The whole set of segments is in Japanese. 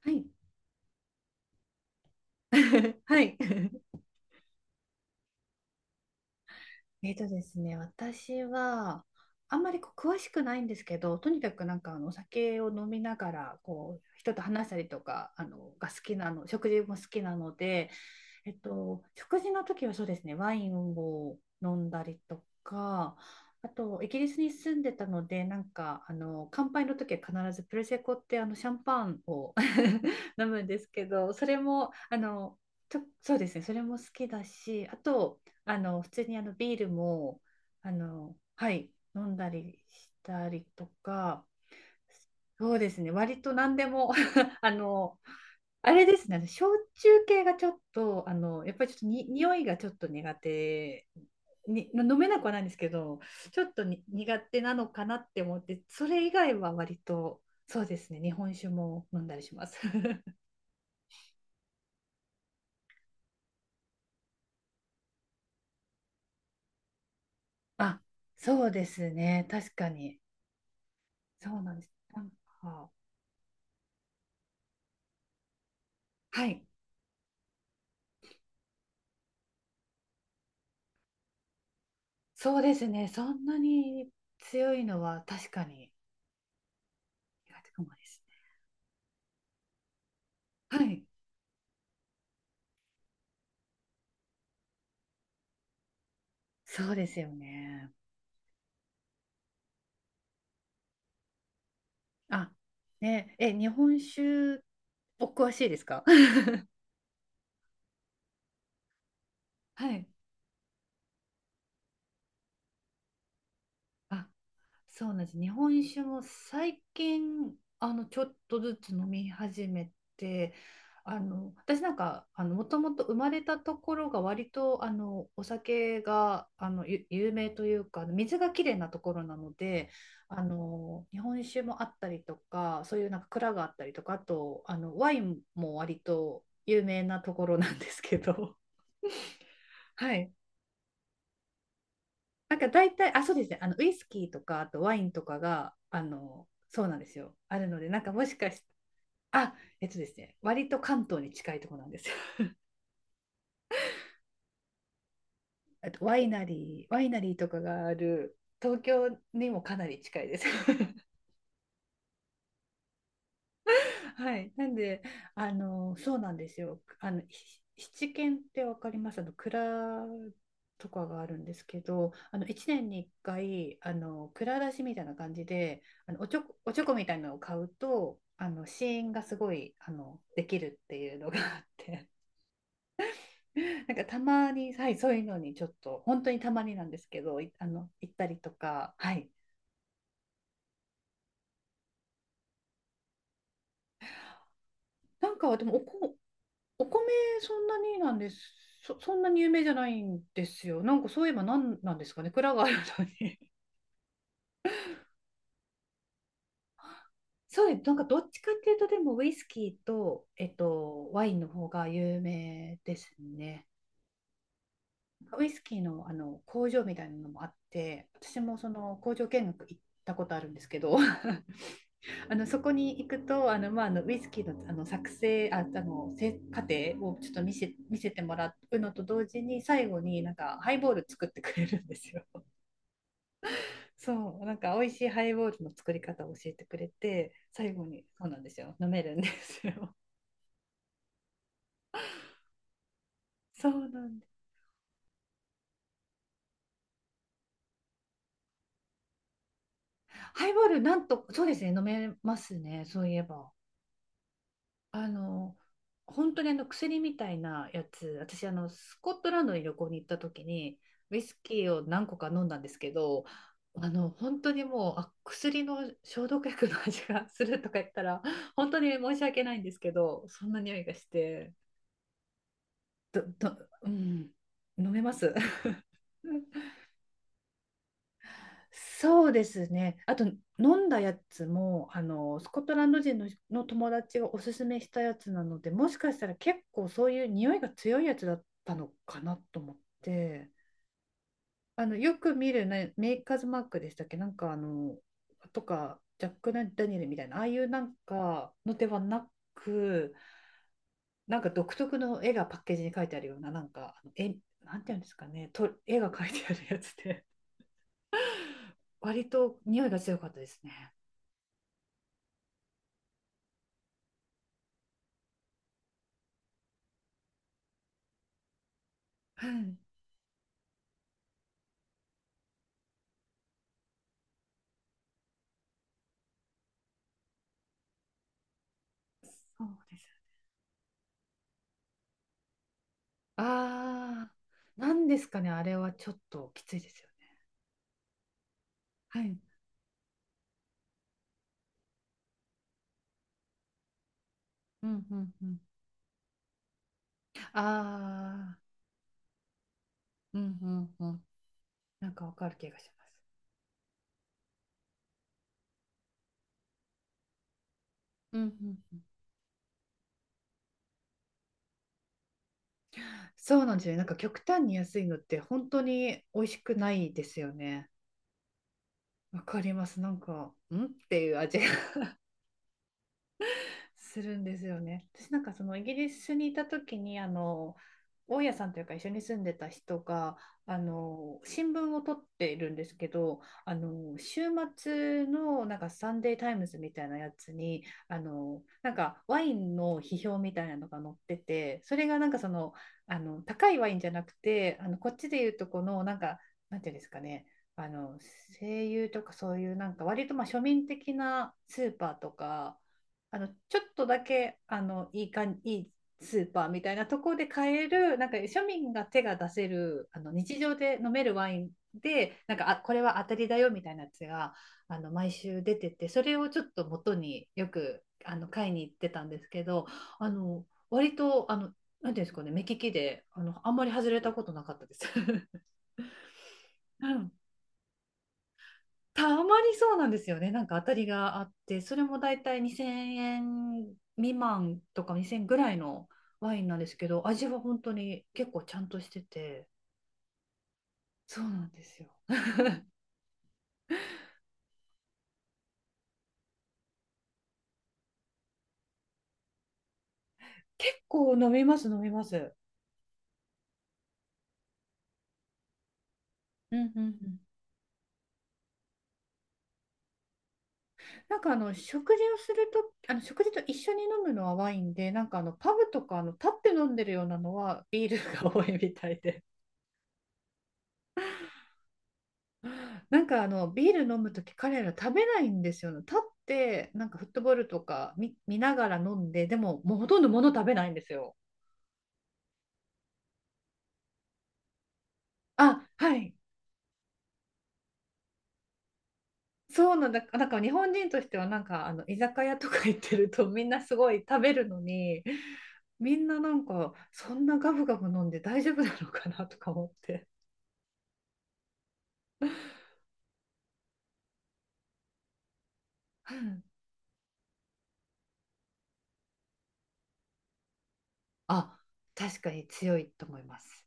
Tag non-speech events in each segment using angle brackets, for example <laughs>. はい。<laughs> はい。<laughs> えーとですね、私はあんまりこう詳しくないんですけど、とにかくなんかお酒を飲みながらこう人と話したりとかが好きなの、食事も好きなので、食事の時はそうですね、ワインを飲んだりとか、あと、イギリスに住んでたので、なんか、乾杯の時は必ずプレセコってシャンパンを <laughs> 飲むんですけど、それも、そうですね、それも好きだし、あと、普通にビールも、はい、飲んだりしたりとか、そうですね、割と何でも <laughs> あの、あれですね、焼酎系がちょっと、やっぱりちょっとに匂いがちょっと苦手に、飲めなくはないんですけど、ちょっとに苦手なのかなって思って、それ以外は割と、そうですね、日本酒も飲んだりします。<laughs> あ、そうですね、確かに。そうなんです。なんか、はい、そうですね、そんなに強いのは確かに苦手かもですね。はい、そうですよね。あ、ね、日本酒お詳しいですか？ <laughs> はい。あ、そうなんです。日本酒も最近、ちょっとずつ飲み始めて、私なんか、もともと生まれたところが割と、お酒が、有名というか、水がきれいなところなので、日本酒もあったりとか、そういうなんか蔵があったりとか、あと、ワインも割と有名なところなんですけど、<laughs> はい。なんか大体、あ、そうですね、ウイスキーとか、あとワインとかが、そうなんですよ、あるので、なんかもしかして、あ、えっとですね、割と関東に近いところなんですよ。<laughs> あとワイナリーとかがある東京にもかなり近いです。<laughs> はい。なんで、そうなんですよ。七軒ってわかります？蔵とかがあるんですけど、一年に一回、蔵出しみたいな感じで、あの、おちょこみたいなのを買うと、試飲がすごい、できるっていうのがあって、<laughs> なんかたまに、はい、そういうのにちょっと、本当にたまになんですけど、いあの、行ったりとか、はい。なんか、でもお米そんなになんです。そんなに有名じゃないんですよ。なんかそういえばなんなんですかね。蔵があるのに。<laughs> そうです。なんかどっちかっていうと、でもウイスキーと、ワインの方が有名ですね。ウイスキーの、工場みたいなのもあって、私もその工場見学行ったことあるんですけど、<laughs> そこに行くと、まあ、ウイスキーの、あの作成、あ、あのせ過程をちょっと見せてもらうのと同時に、最後になんかハイボール作ってくれるんですよ。そう、なんか美味しいハイボールの作り方を教えてくれて、最後にそうなんですよ、飲めるんですよ。<laughs> そうなんです。ハイボール、なんと、そうですね、飲めますね、そういえば。あの、本当に薬みたいなやつ、私、スコットランドに旅行に行った時に、ウイスキーを何個か飲んだんですけど、本当にもう、薬の消毒薬の味がするとか言ったら、本当に申し訳ないんですけど、そんな匂いがして、どど、うん、飲めます。<laughs> そうですね。あと飲んだやつもスコットランド人の友達がおすすめしたやつなので、もしかしたら結構そういう匂いが強いやつだったのかなと思って、よく見る、ね、メーカーズマークでしたっけ、なんかとかジャック・ダニエルみたいなああいうなんかのではなく、なんか独特の絵がパッケージに書いてあるような、なんか、絵、なんていうんですかね、と、絵が書いてあるやつで、<laughs> 割と匂いが強かったですね。はい、そうです。ああ、なんですかね、あれはちょっときついですよね。はい。うんうんうん。ああ、うんうんうん。なんかわかる気がします。うんうんうん。そうなんですよね。なんか極端に安いのって本当に美味しくないですよね。わかります。なんか、んっていう味。するんですよね。私なんかそのイギリスにいた時に大家さんというか一緒に住んでた人が新聞を取っているんですけど週末のなんかサンデータイムズみたいなやつになんかワインの批評みたいなのが載っててそれがなんかその高いワインじゃなくてこっちでいうとこのなんかなんていうんですかねあの声優とかそういうなんか割とまあ庶民的なスーパーとかあのちょっとだけあのいいかんいいスーパーみたいなところで買えるなんか庶民が手が出せる日常で飲めるワインでなんか、あ、これは当たりだよみたいなやつが毎週出ててそれをちょっと元によく買いに行ってたんですけどあの割となんていうんですかね、目利きであんまり外れたことなかったです。<laughs> うん、たまにそうなんですよね。なんか当たりがあって、それもだいたい2000円未満とか2000円ぐらいのワインなんですけど、味は本当に結構ちゃんとしてて、そうなんですよ。結構飲みます、飲みます。うんうんうん。なんか食事をすると、食事と一緒に飲むのはワインで、なんかパブとか立って飲んでるようなのはビールが多いみたいで。なんかビール飲むとき彼ら食べないんですよね。立ってなんかフットボールとか見ながら飲んで、でももうほとんど物食べないんですよ。あ、はい。そうなんだ。なんか日本人としてはなんか居酒屋とか行ってるとみんなすごい食べるのに、みんななんかそんなガブガブ飲んで大丈夫なのかなとか思って。うん、あ、確かに強いと思います。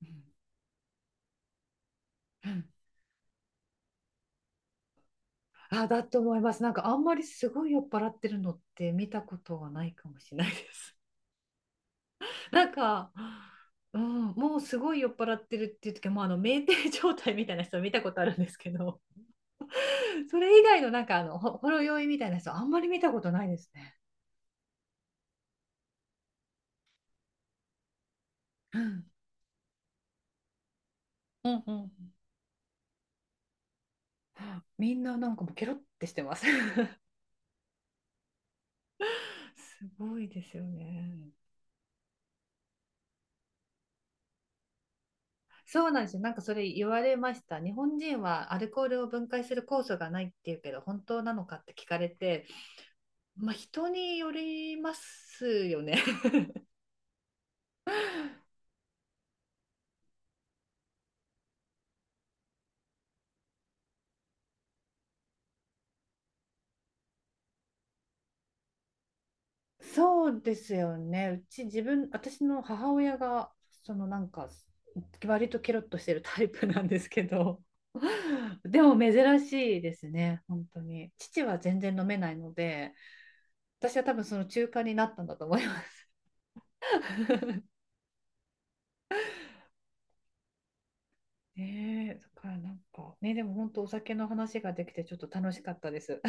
うんうん、あ、だと思います。なんかあんまりすごい酔っ払ってるのって見たことがないかもしれないです。<laughs> なんか、うん、もうすごい酔っ払ってるっていう時はもう酩酊状態みたいな人見たことあるんですけど、<laughs> それ以外のなんかあのほろ酔いみたいな人あんまり見たことないですね。うん、うんうん。みんななんかもうケロってしてます。<laughs> すごいですよね。そうなんですよ。なんかそれ言われました。日本人はアルコールを分解する酵素がないっていうけど、本当なのかって聞かれて、まあ、人によりますよね。<laughs> そうですよね。うち自分、私の母親が、そのなんか、割とケロッとしてるタイプなんですけど、<laughs> でも珍しいですね、本当に。父は全然飲めないので、私は多分その中間になったんだと思います。<laughs> ねえ、だからなんか、ね、でも本当お酒の話ができてちょっと楽しかったです。